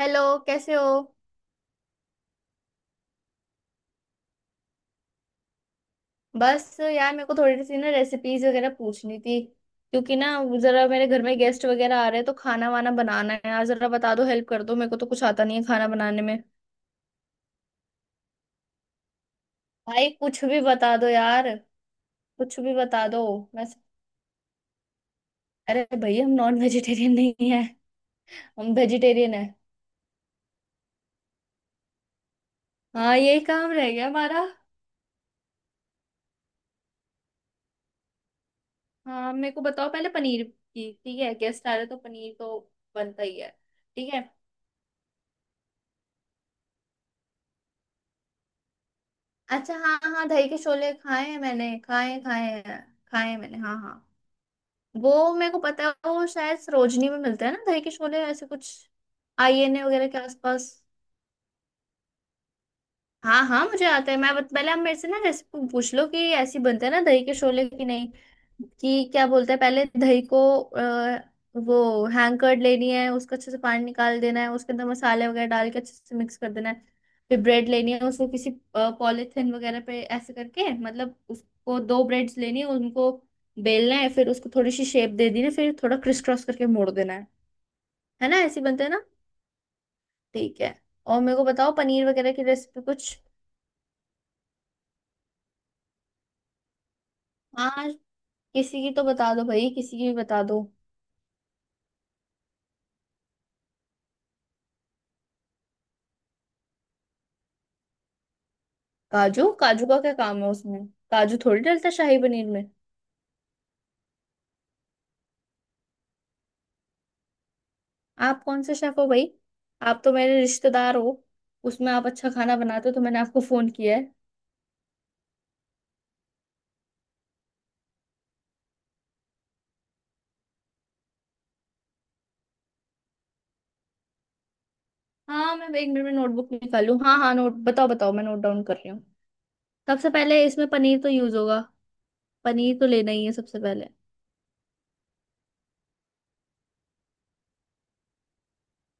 Hello. कैसे हो? बस यार, मेरे को थोड़ी सी ना रेसिपीज वगैरह पूछनी थी, क्योंकि ना जरा मेरे घर में गेस्ट वगैरह आ रहे हैं तो खाना वाना बनाना है। यार जरा बता दो, हेल्प कर दो। मेरे को तो कुछ आता नहीं है खाना बनाने में। भाई कुछ भी बता दो यार, कुछ भी बता दो। मैं अरे भाई, हम नॉन वेजिटेरियन नहीं है। हम वेजिटेरियन है। हाँ, यही काम रह गया हमारा। हाँ, मेरे को बताओ। पहले पनीर की, ठीक है? गेस्ट आ रहे हैं तो पनीर तो बनता ही है। ठीक है। अच्छा, हाँ हाँ, दही के शोले खाए हैं। मैंने खाए हैं, खाए हैं, खाए हैं मैंने, हाँ हाँ। वो मेरे को पता है। वो शायद सरोजनी में मिलता है ना, दही के शोले, ऐसे कुछ आईएनए वगैरह के आसपास। हाँ हाँ, मुझे आता है। पहले आप मेरे से ना रेसिपी पूछ लो कि ऐसी बनते हैं ना दही के शोले की नहीं। कि क्या बोलते हैं, पहले दही को वो हैंग कर लेनी है, उसका अच्छे से पानी निकाल देना है, उसके अंदर मसाले वगैरह डाल के अच्छे से मिक्स कर देना है। फिर ब्रेड लेनी है, उसको किसी पॉलिथिन वगैरह पे ऐसे करके मतलब उसको दो ब्रेड्स लेनी है, उनको बेलना है, फिर उसको थोड़ी सी शेप दे देनी है, फिर थोड़ा क्रिस क्रॉस करके मोड़ देना है। है ना, ऐसे बनते हैं ना? ठीक है। और मेरे को बताओ पनीर वगैरह की रेसिपी कुछ। हाँ, किसी की तो बता दो भाई, किसी की भी बता दो। काजू? काजू का क्या काम है उसमें? काजू थोड़ी डलता है शाही पनीर में। आप कौन से शेफ हो भाई? आप तो मेरे रिश्तेदार हो। उसमें आप अच्छा खाना बनाते हो तो मैंने आपको फोन किया है। हाँ, मैं एक मिनट में नोटबुक निकालूं। हाँ हाँ, नोट, बताओ बताओ, मैं नोट डाउन कर रही हूँ। सबसे पहले इसमें पनीर तो यूज होगा। पनीर तो लेना ही है सबसे पहले।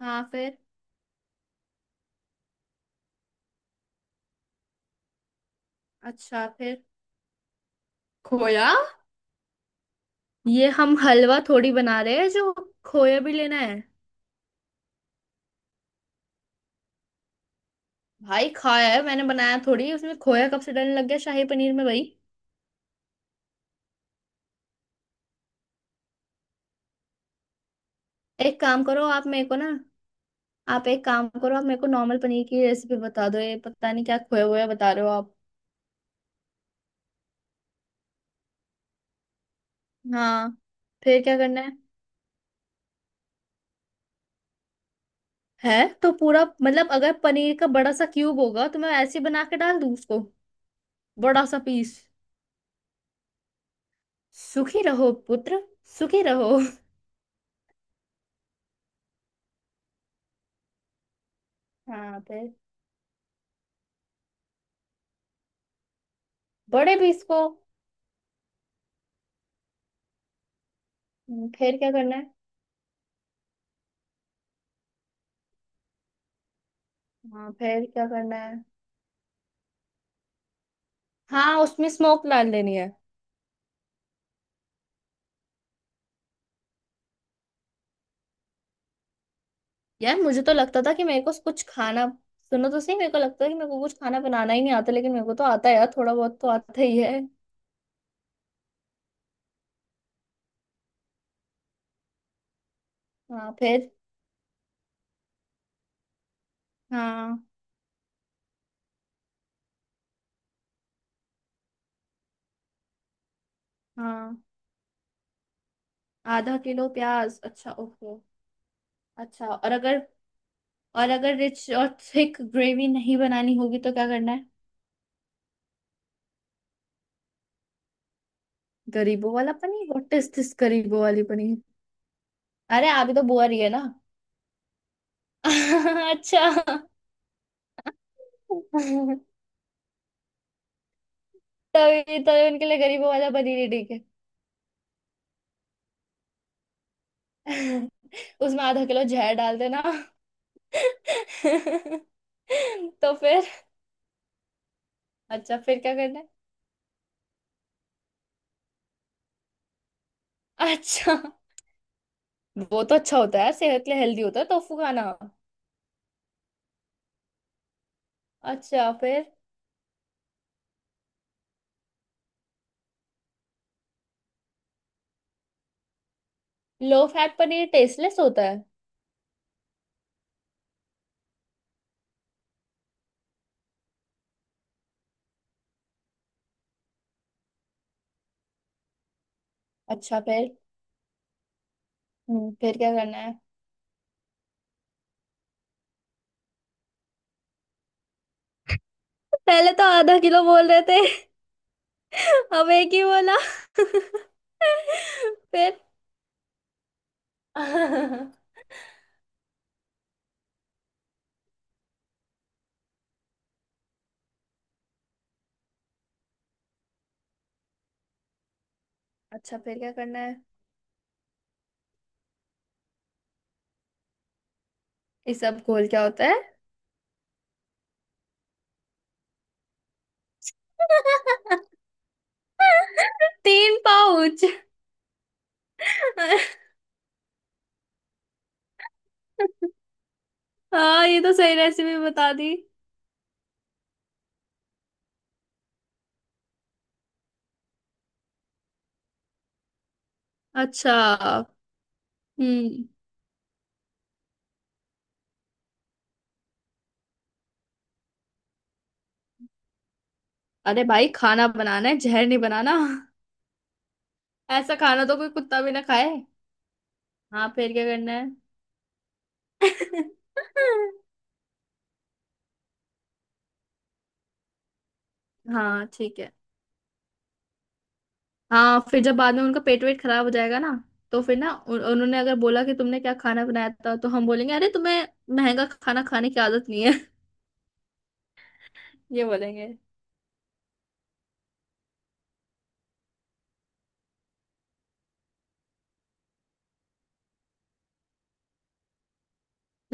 हाँ, फिर? अच्छा, फिर? खोया? ये हम हलवा थोड़ी बना रहे हैं जो खोया भी लेना है। भाई खाया है मैंने, बनाया थोड़ी। उसमें खोया कब से डलने लग गया शाही पनीर में भाई? एक काम करो, आप मेरे को ना, आप एक काम करो, आप मेरे को नॉर्मल पनीर की रेसिपी बता दो। ये पता नहीं क्या खोया हुआ बता रहे हो आप। हाँ, फिर क्या करना है? है तो पूरा, मतलब अगर पनीर का बड़ा सा क्यूब होगा तो मैं ऐसे ही बना के डाल दूं उसको, बड़ा सा पीस? सुखी रहो पुत्र, सुखी रहो। हाँ, फिर? बड़े पीस को? फिर क्या करना है? हाँ, फिर क्या करना है? हाँ, उसमें स्मोक डाल देनी है। यार मुझे तो लगता था कि मेरे को कुछ खाना, सुनो तो सही, मेरे को लगता था कि मेरे को कुछ खाना बनाना ही नहीं आता, लेकिन मेरे को तो आता है यार, थोड़ा बहुत तो आता ही है। हाँ, फिर? हाँ हाँ, आधा किलो प्याज, अच्छा, ओके। अच्छा, और अगर रिच और थिक ग्रेवी नहीं बनानी होगी तो क्या करना है? गरीबों वाला पनीर? व्हाट इज दिस गरीबों वाली पनीर? अरे आप ही तो बुआ रही है ना? अच्छा। तभी तभी उनके लिए गरीबों वाला पनीर ही ठीक है। उसमें आधा किलो जहर डाल देना। तो फिर? अच्छा, फिर क्या करना है? अच्छा। वो तो अच्छा होता है यार, सेहत के लिए हेल्दी होता है टोफू खाना। अच्छा, फिर? लो फैट पनीर टेस्टलेस होता है? अच्छा, फिर? फिर क्या करना है? पहले तो आधा किलो बोल रहे थे, अब एक ही बोला। फिर? अच्छा, फिर क्या करना है? इस सब घोल क्या होता है? तीन पाउच? हाँ, ये तो सही रेसिपी बता दी। अच्छा। हम्म अरे भाई, खाना बनाना है, जहर नहीं बनाना। ऐसा खाना तो कोई कुत्ता भी ना खाए। हाँ, फिर क्या करना है? हाँ ठीक है। हाँ, फिर जब बाद में उनका पेट वेट खराब हो जाएगा ना, तो फिर ना उन्होंने अगर बोला कि तुमने क्या खाना बनाया था तो हम बोलेंगे अरे, तुम्हें महंगा खाना खाने की आदत नहीं है। ये बोलेंगे।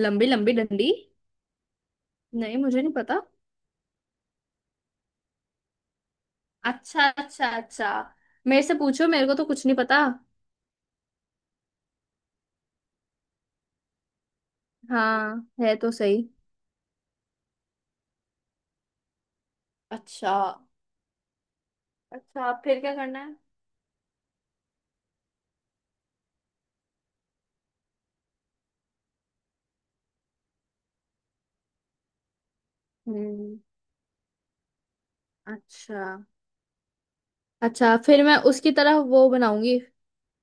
लंबी लंबी डंडी? नहीं, मुझे नहीं पता। अच्छा, अच्छा, अच्छा। मेरे से पूछो, मेरे को तो कुछ नहीं पता। हाँ, है तो सही। अच्छा। अच्छा, फिर क्या करना है? हम्म। अच्छा। अच्छा, फिर मैं उसकी तरह वो बनाऊंगी।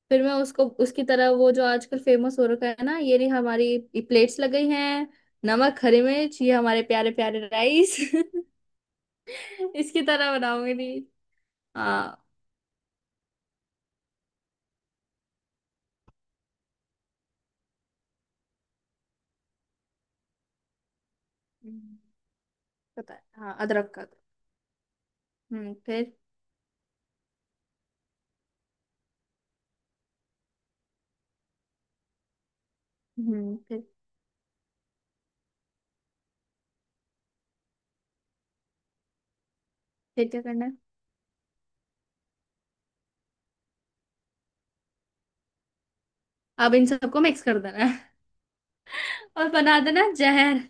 फिर मैं उसको उसकी तरह, वो जो आजकल फेमस हो रखा है ना, ये रही हमारी, प्लेट्स लग गई हैं, नमक हरी मिर्च, ये हमारे प्यारे प्यारे राइस। इसकी तरह बनाऊंगी नहीं। हाँ। हम्म, पता है, हाँ, अदरक का। फिर? फिर? फिर क्या करना है? अब इन सबको मिक्स कर देना है। और बना देना जहर।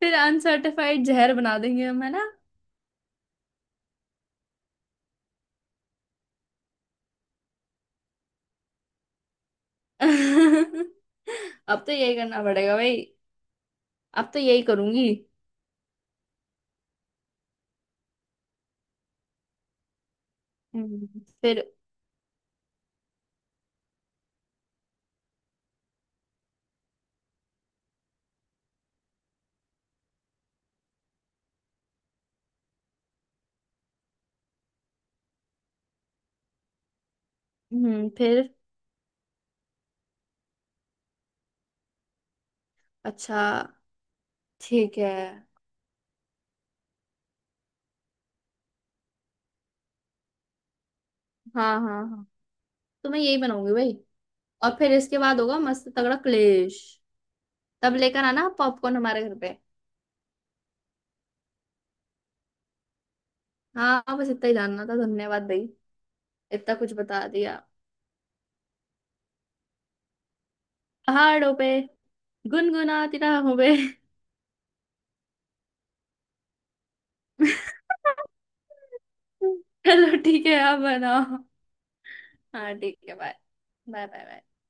फिर अनसर्टिफाइड जहर बना देंगे हम, है ना? अब तो यही करना पड़ेगा भाई। अब तो यही करूंगी। फिर? फिर? अच्छा, ठीक है। हाँ हाँ हाँ। तो मैं यही बनाऊंगी भाई, और फिर इसके बाद होगा मस्त तगड़ा क्लेश। तब लेकर आना पॉपकॉर्न हमारे घर पे। हाँ, बस इतना ही जानना था, धन्यवाद भाई। इतना कुछ बता दिया। पहाड़ों पे गुनगुनाती रहा हूँ बे। चलो ठीक है, आप बनाओ। हाँ ठीक है, बाय। Bye bye bye.